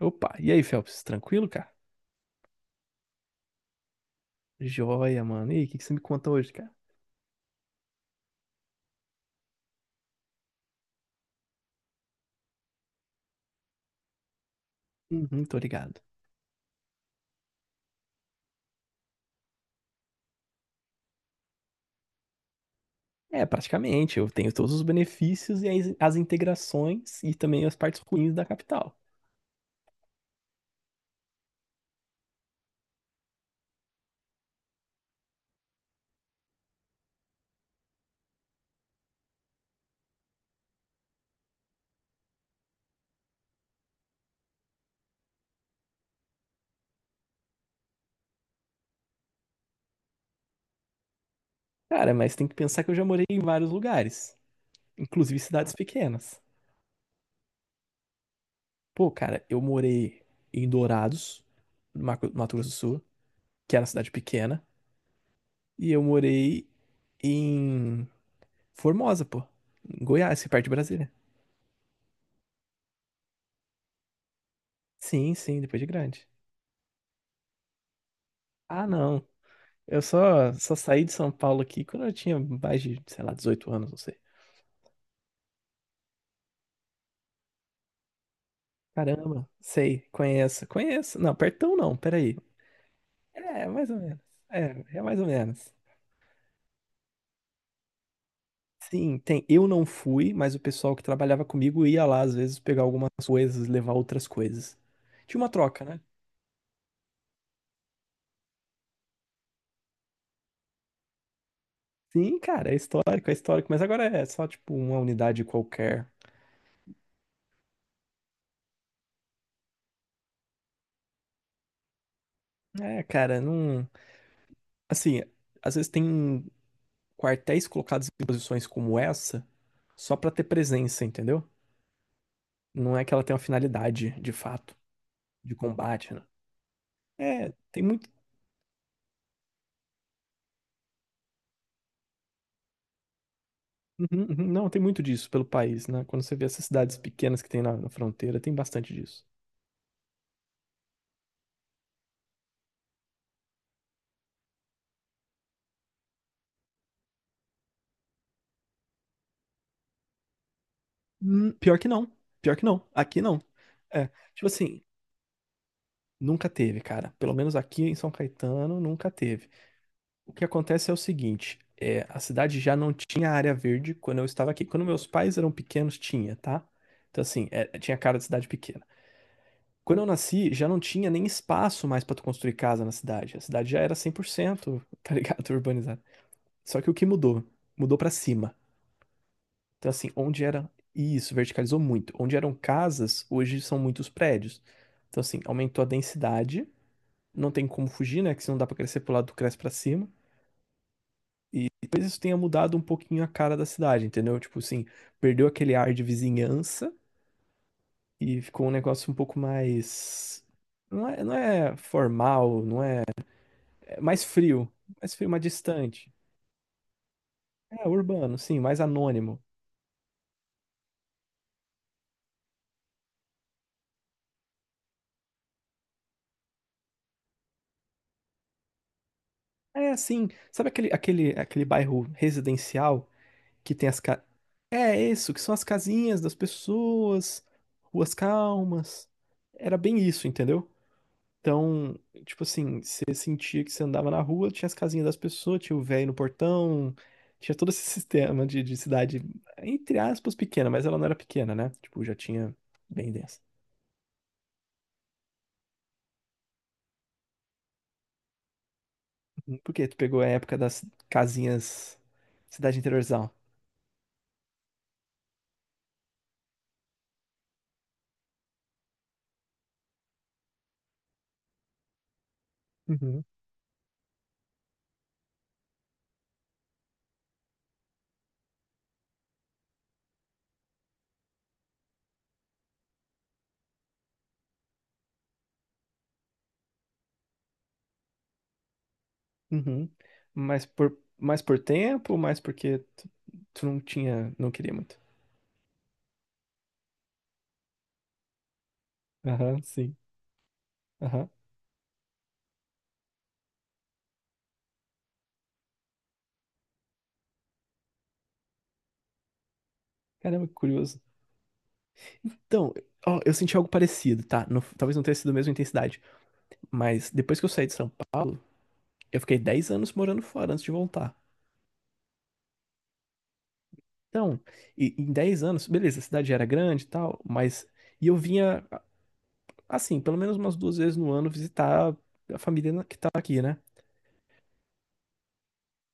Opa, e aí, Phelps? Tranquilo, cara? Joia, mano. E aí, o que que você me conta hoje, cara? Uhum, tô ligado. É, praticamente, eu tenho todos os benefícios e as integrações e também as partes ruins da capital. Cara, mas tem que pensar que eu já morei em vários lugares, inclusive cidades pequenas. Pô, cara, eu morei em Dourados, no Mato Grosso do Sul, que era uma cidade pequena, e eu morei em Formosa, pô, em Goiás, que é perto de Brasília. Sim, sim, depois de grande. Ah, não. Eu só saí de São Paulo aqui quando eu tinha mais de, sei lá, 18 anos, não sei. Caramba, sei, conheço, conheço. Não, pertão não, peraí. É, mais ou menos. É mais ou menos. Sim, tem. Eu não fui, mas o pessoal que trabalhava comigo ia lá às vezes pegar algumas coisas, levar outras coisas. Tinha uma troca, né? Sim, cara, é histórico, mas agora é só tipo uma unidade qualquer. É, cara, não. Assim, às vezes tem quartéis colocados em posições como essa só pra ter presença, entendeu? Não é que ela tem uma finalidade, de fato, de combate, né? É, tem muito. Uhum, uhum. Não, tem muito disso pelo país, né? Quando você vê essas cidades pequenas que tem na fronteira, tem bastante disso. Pior que não. Pior que não. Aqui não. É, tipo assim, nunca teve, cara. Pelo menos aqui em São Caetano, nunca teve. O que acontece é o seguinte, é, a cidade já não tinha área verde quando eu estava aqui. Quando meus pais eram pequenos, tinha, tá? Então, assim, é, tinha cara de cidade pequena. Quando eu nasci, já não tinha nem espaço mais para tu construir casa na cidade. A cidade já era 100%, tá ligado? Urbanizada. Só que o que mudou? Mudou para cima. Então, assim, onde era... Isso, verticalizou muito. Onde eram casas, hoje são muitos prédios. Então, assim, aumentou a densidade. Não tem como fugir, né? Que se não dá para crescer pro lado, tu cresce para cima. E talvez isso tenha mudado um pouquinho a cara da cidade, entendeu? Tipo assim, perdeu aquele ar de vizinhança e ficou um negócio um pouco mais. Não é, não é formal, não é, é mais frio. Mais frio, mais distante. É, urbano, sim, mais anônimo. É assim, sabe aquele bairro residencial que tem as Ca... é isso, que são as casinhas das pessoas, ruas calmas. Era bem isso, entendeu? Então, tipo assim, você sentia que você andava na rua, tinha as casinhas das pessoas, tinha o velho no portão, tinha todo esse sistema de cidade, entre aspas, pequena, mas ela não era pequena, né? Tipo, já tinha bem dessa. Por quê? Tu pegou a época das casinhas, cidade interiorzão. Uhum. Uhum. Mas por, mais por tempo, mais porque tu, tu não tinha, não queria muito. Aham, sim. Aham. Caramba, que curioso. Então, ó, eu senti algo parecido, tá? Não, talvez não tenha sido a mesma intensidade. Mas depois que eu saí de São Paulo, eu fiquei 10 anos morando fora antes de voltar. Então, em 10 anos, beleza, a cidade já era grande e tal. Mas. E eu vinha, assim, pelo menos umas duas vezes no ano visitar a família que tá aqui, né?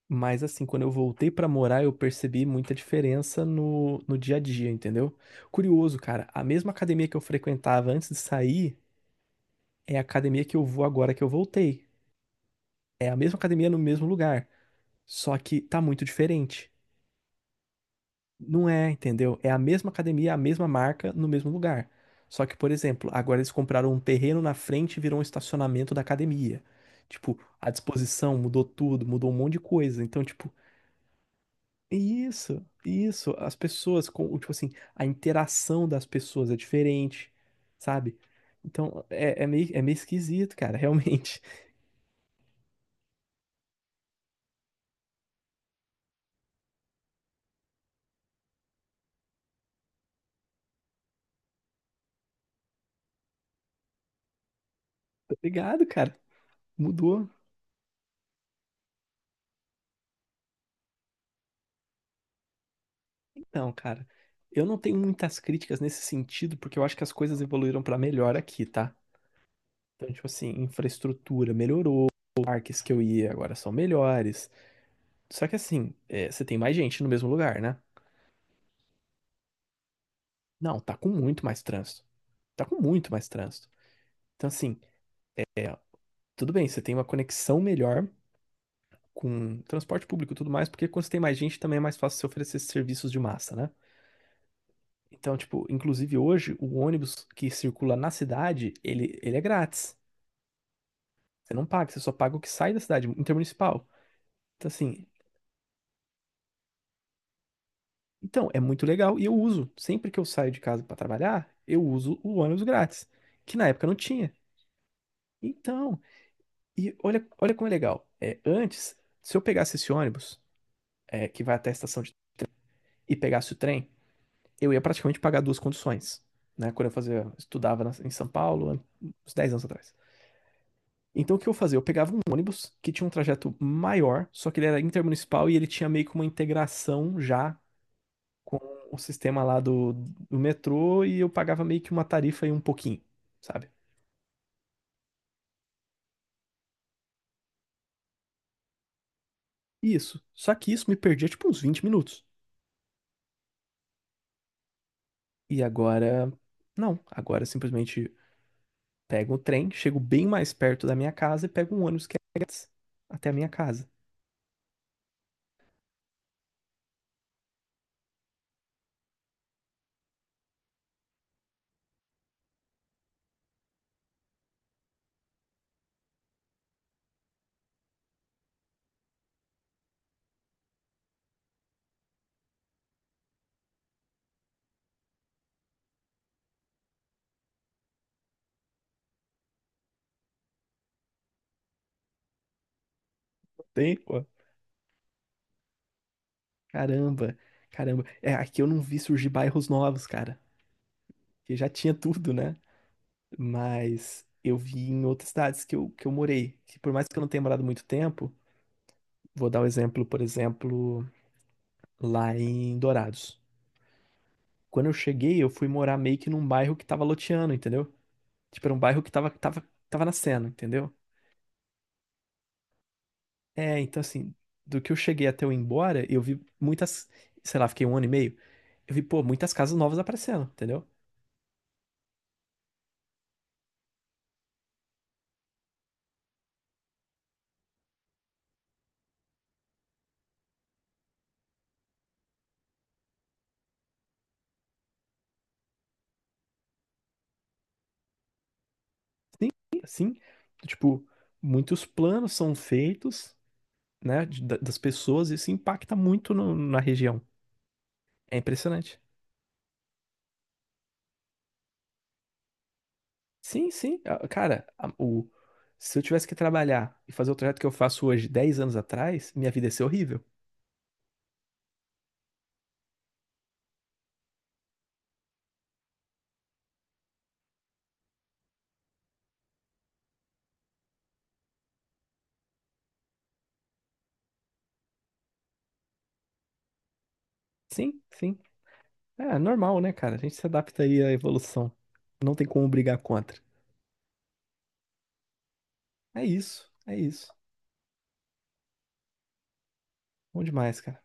Mas, assim, quando eu voltei pra morar, eu percebi muita diferença no dia a dia, entendeu? Curioso, cara, a mesma academia que eu frequentava antes de sair é a academia que eu vou agora que eu voltei. É a mesma academia no mesmo lugar, só que tá muito diferente. Não é, entendeu? É a mesma academia, a mesma marca, no mesmo lugar. Só que, por exemplo, agora eles compraram um terreno na frente e virou um estacionamento da academia. Tipo, a disposição mudou tudo, mudou um monte de coisa. Então, tipo, é isso, é isso. As pessoas, com, tipo assim, a interação das pessoas é diferente, sabe? Então, é meio esquisito, cara, realmente. Tá ligado, cara? Mudou. Então, cara, eu não tenho muitas críticas nesse sentido, porque eu acho que as coisas evoluíram pra melhor aqui, tá? Então, tipo assim, infraestrutura melhorou, parques que eu ia agora são melhores. Só que assim, é, você tem mais gente no mesmo lugar, né? Não, tá com muito mais trânsito. Tá com muito mais trânsito. Então, assim, tudo bem, você tem uma conexão melhor com transporte público e tudo mais, porque quando você tem mais gente também é mais fácil você oferecer esses serviços de massa, né? Então, tipo, inclusive hoje, o ônibus que circula na cidade, ele é grátis. Você não paga, você só paga o que sai da cidade, intermunicipal. Então, assim, Então, é muito legal e eu uso. Sempre que eu saio de casa para trabalhar, eu uso o ônibus grátis, que na época não tinha. Então, e olha, olha como é legal. É, antes, se eu pegasse esse ônibus, é, que vai até a estação e pegasse o trem, eu ia praticamente pagar duas conduções, né? Quando eu fazia, estudava em São Paulo, há uns 10 anos atrás. Então, o que eu fazia? Eu pegava um ônibus que tinha um trajeto maior, só que ele era intermunicipal e ele tinha meio que uma integração já com o sistema lá do metrô e eu pagava meio que uma tarifa e um pouquinho, sabe? Isso. Só que isso me perdia tipo uns 20 minutos. E agora, não. Agora eu simplesmente pego o trem, chego bem mais perto da minha casa e pego um ônibus que é grátis até a minha casa. Tem, pô. Caramba, caramba. É, aqui eu não vi surgir bairros novos, cara. Que já tinha tudo, né? Mas eu vi em outras cidades que eu morei. Que por mais que eu não tenha morado muito tempo, vou dar o exemplo, por exemplo, lá em Dourados. Quando eu cheguei, eu fui morar meio que num bairro que tava loteando, entendeu? Tipo, era um bairro que tava nascendo, entendeu? É, então assim, do que eu cheguei até eu ir embora, eu vi muitas, sei lá, fiquei um ano e meio, eu vi, pô, muitas casas novas aparecendo, entendeu? Sim, assim, tipo, muitos planos são feitos, né, das pessoas e isso impacta muito na região. É impressionante. Sim, sim. Ah, cara, se eu tivesse que trabalhar e fazer o trajeto que eu faço hoje, 10 anos atrás, minha vida ia ser horrível. Sim, sim. É normal, né, cara? A gente se adapta aí à evolução. Não tem como brigar contra. É isso, é isso. Bom demais, cara.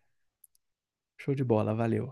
Show de bola, valeu.